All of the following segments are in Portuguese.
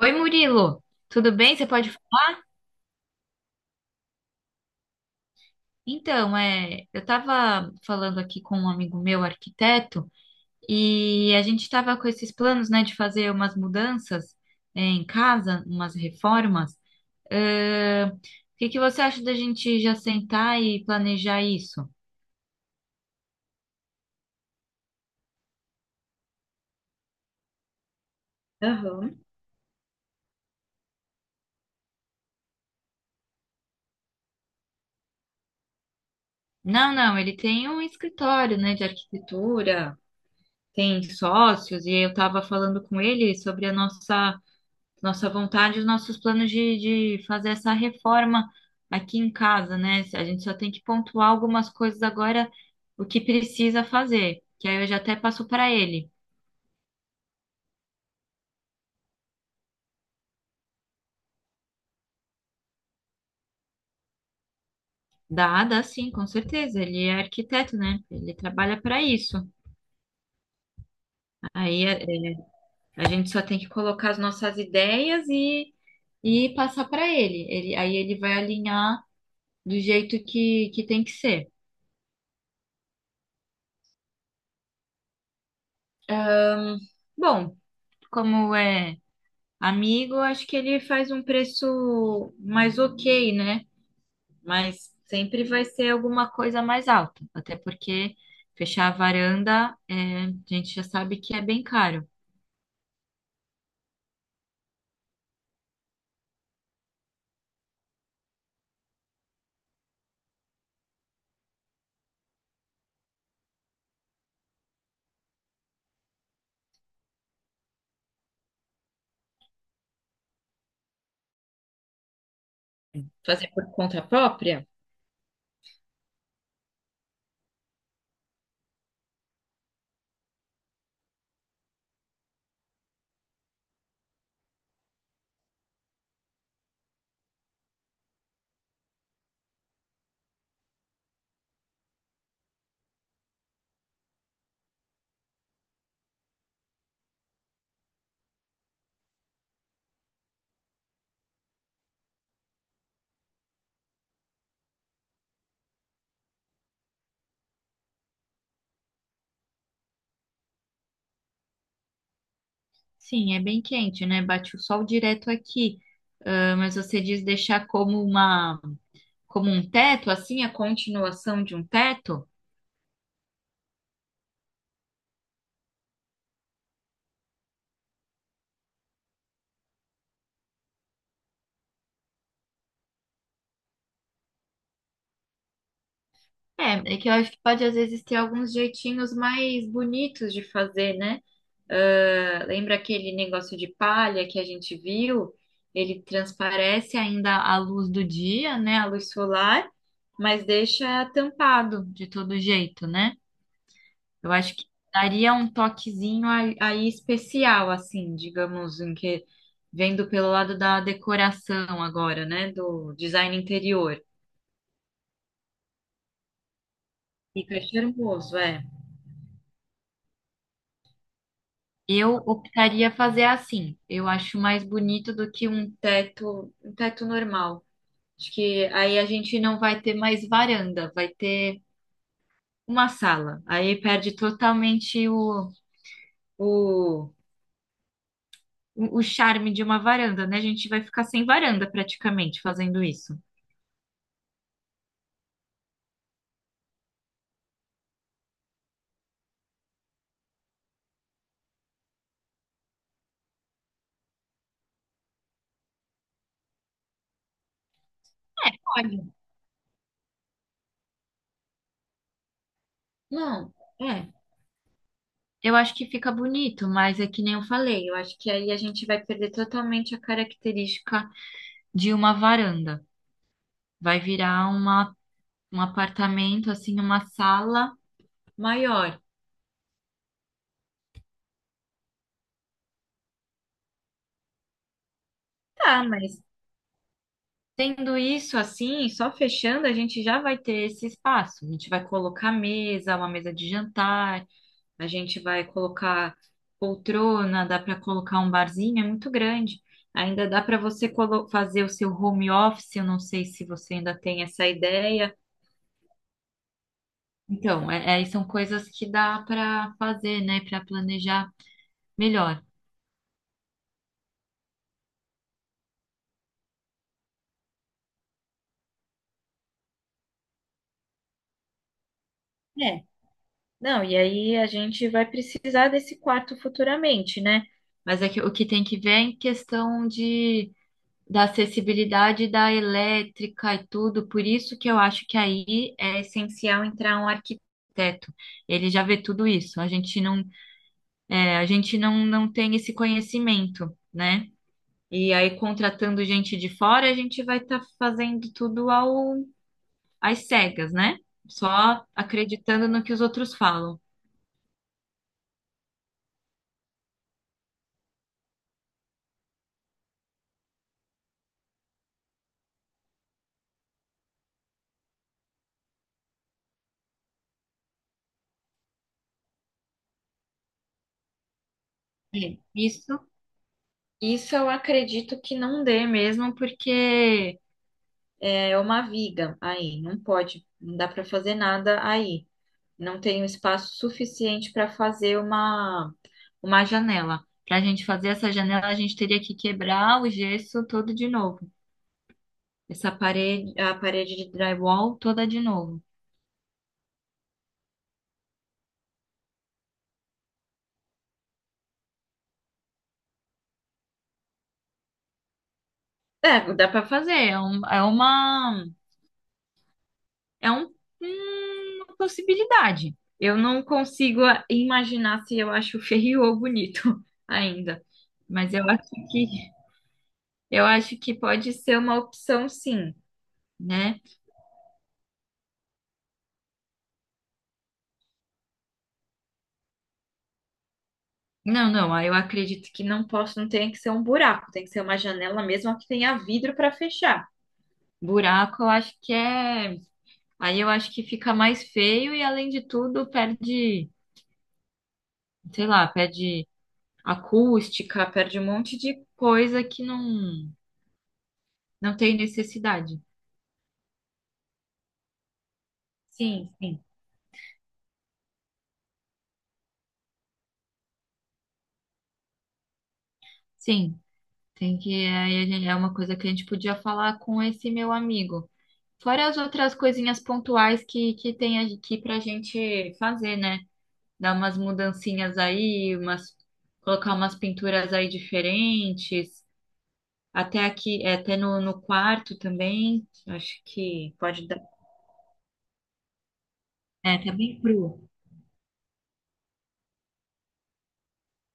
Oi, Murilo, tudo bem? Você pode. Então, eu estava falando aqui com um amigo meu, arquiteto, e a gente estava com esses planos, né, de fazer umas mudanças, em casa, umas reformas. O que que você acha da gente já sentar e planejar isso? Aham. Não, ele tem um escritório, né, de arquitetura, tem sócios, e eu estava falando com ele sobre a nossa vontade, os nossos planos de fazer essa reforma aqui em casa, né? A gente só tem que pontuar algumas coisas agora, o que precisa fazer, que aí eu já até passo para ele. Dá sim, com certeza. Ele é arquiteto, né? Ele trabalha para isso. Aí a gente só tem que colocar as nossas ideias e passar para ele. Aí ele vai alinhar do jeito que tem que ser. Bom, como é. amigo, acho que ele faz um preço mais ok, né? Mas sempre vai ser alguma coisa mais alta, até porque fechar a varanda, a gente já sabe que é bem caro. Fazer por conta própria? Sim, é bem quente, né? Bate o sol direto aqui. Ah, mas você diz deixar como como um teto, assim, a continuação de um teto? É que eu acho que pode às vezes ter alguns jeitinhos mais bonitos de fazer, né? Ah, lembra aquele negócio de palha que a gente viu? Ele transparece ainda a luz do dia, né? A luz solar, mas deixa tampado de todo jeito, né? Eu acho que daria um toquezinho aí especial, assim, digamos, em que vendo pelo lado da decoração agora, né? Do design interior. Fica charmoso, é. Eu optaria fazer assim. Eu acho mais bonito do que um teto normal. Acho que aí a gente não vai ter mais varanda, vai ter uma sala. Aí perde totalmente o, o charme de uma varanda, né? A gente vai ficar sem varanda praticamente fazendo isso. Olha, não, é. Eu acho que fica bonito, mas é que nem eu falei, eu acho que aí a gente vai perder totalmente a característica de uma varanda. Vai virar um apartamento, assim, uma sala maior. Tá, mas tendo isso assim, só fechando, a gente já vai ter esse espaço. A gente vai colocar mesa, uma mesa de jantar, a gente vai colocar poltrona, dá para colocar um barzinho, é muito grande. Ainda dá para você fazer o seu home office, eu não sei se você ainda tem essa ideia. Então, são coisas que dá para fazer, né, para planejar melhor. É. Não, e aí a gente vai precisar desse quarto futuramente, né? Mas é que, o que tem que ver é em questão de da acessibilidade da elétrica e tudo, por isso que eu acho que aí é essencial entrar um arquiteto. Ele já vê tudo isso. A gente não tem esse conhecimento, né? E aí, contratando gente de fora, a gente vai estar fazendo tudo às cegas, né? Só acreditando no que os outros falam. É, isso eu acredito que não dê mesmo, porque é uma viga aí, não pode, não dá para fazer nada aí. Não tenho espaço suficiente para fazer uma janela. Para a gente fazer essa janela, a gente teria que quebrar o gesso todo de novo. Essa parede, a parede de drywall toda de novo. É, dá para fazer, é um, uma possibilidade. Eu não consigo imaginar se eu acho feio ou bonito ainda, mas eu acho que pode ser uma opção, sim, né? Não, não, aí eu acredito que não posso, não tem que ser um buraco, tem que ser uma janela mesmo que tenha vidro para fechar. Buraco, eu acho que é. Aí eu acho que fica mais feio e, além de tudo, perde, sei lá, perde acústica, perde um monte de coisa que não, não tem necessidade. Sim, sim. Sim, tem que. É uma coisa que a gente podia falar com esse meu amigo. Fora as outras coisinhas pontuais que tem aqui pra gente fazer, né? Dar umas mudancinhas aí, umas, colocar umas pinturas aí diferentes, até aqui, até no quarto também, acho que pode dar. É, tá bem cru.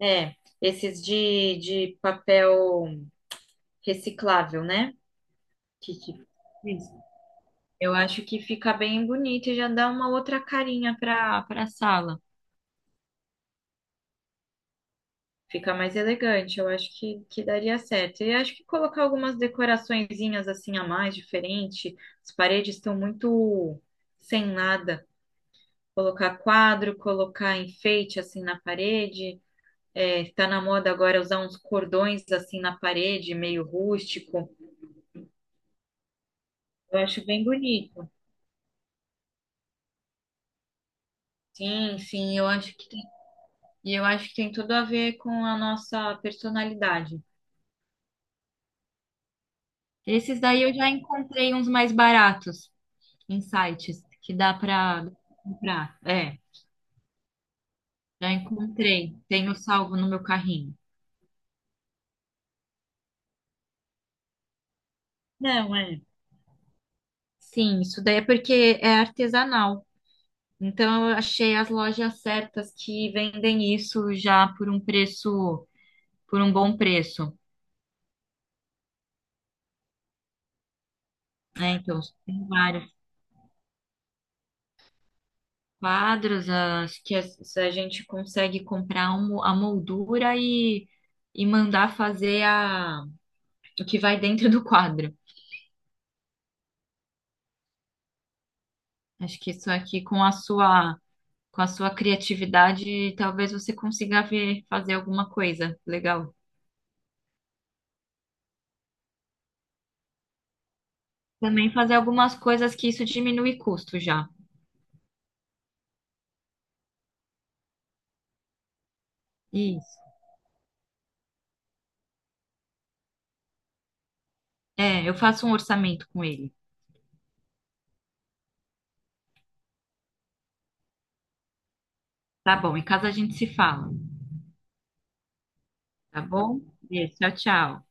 É, esses de papel reciclável, né? Que, que- isso. Eu acho que fica bem bonito e já dá uma outra carinha para a sala. Fica mais elegante, eu acho que daria certo. E acho que colocar algumas decoraçõezinhas assim a mais, diferente. As paredes estão muito sem nada. Colocar quadro, colocar enfeite assim na parede. É, tá na moda agora usar uns cordões assim na parede, meio rústico. Eu acho bem bonito. Sim, sim, eu acho que tem, e eu acho que tem tudo a ver com a nossa personalidade. Esses daí eu já encontrei uns mais baratos em sites que dá para comprar. É, já encontrei. Tenho salvo no meu carrinho. Não, é. Sim, isso daí é porque é artesanal. Então eu achei as lojas certas que vendem isso já por um bom preço, né? Então tem vários quadros, se a gente consegue comprar a moldura e mandar fazer o que vai dentro do quadro. Acho que isso aqui com a sua Com a sua criatividade, talvez você consiga ver, fazer alguma coisa legal. Também fazer algumas coisas que isso diminui custo já. Isso. É, eu faço um orçamento com ele. Tá bom, em casa a gente se fala. Tá bom? Beijo, tchau, tchau.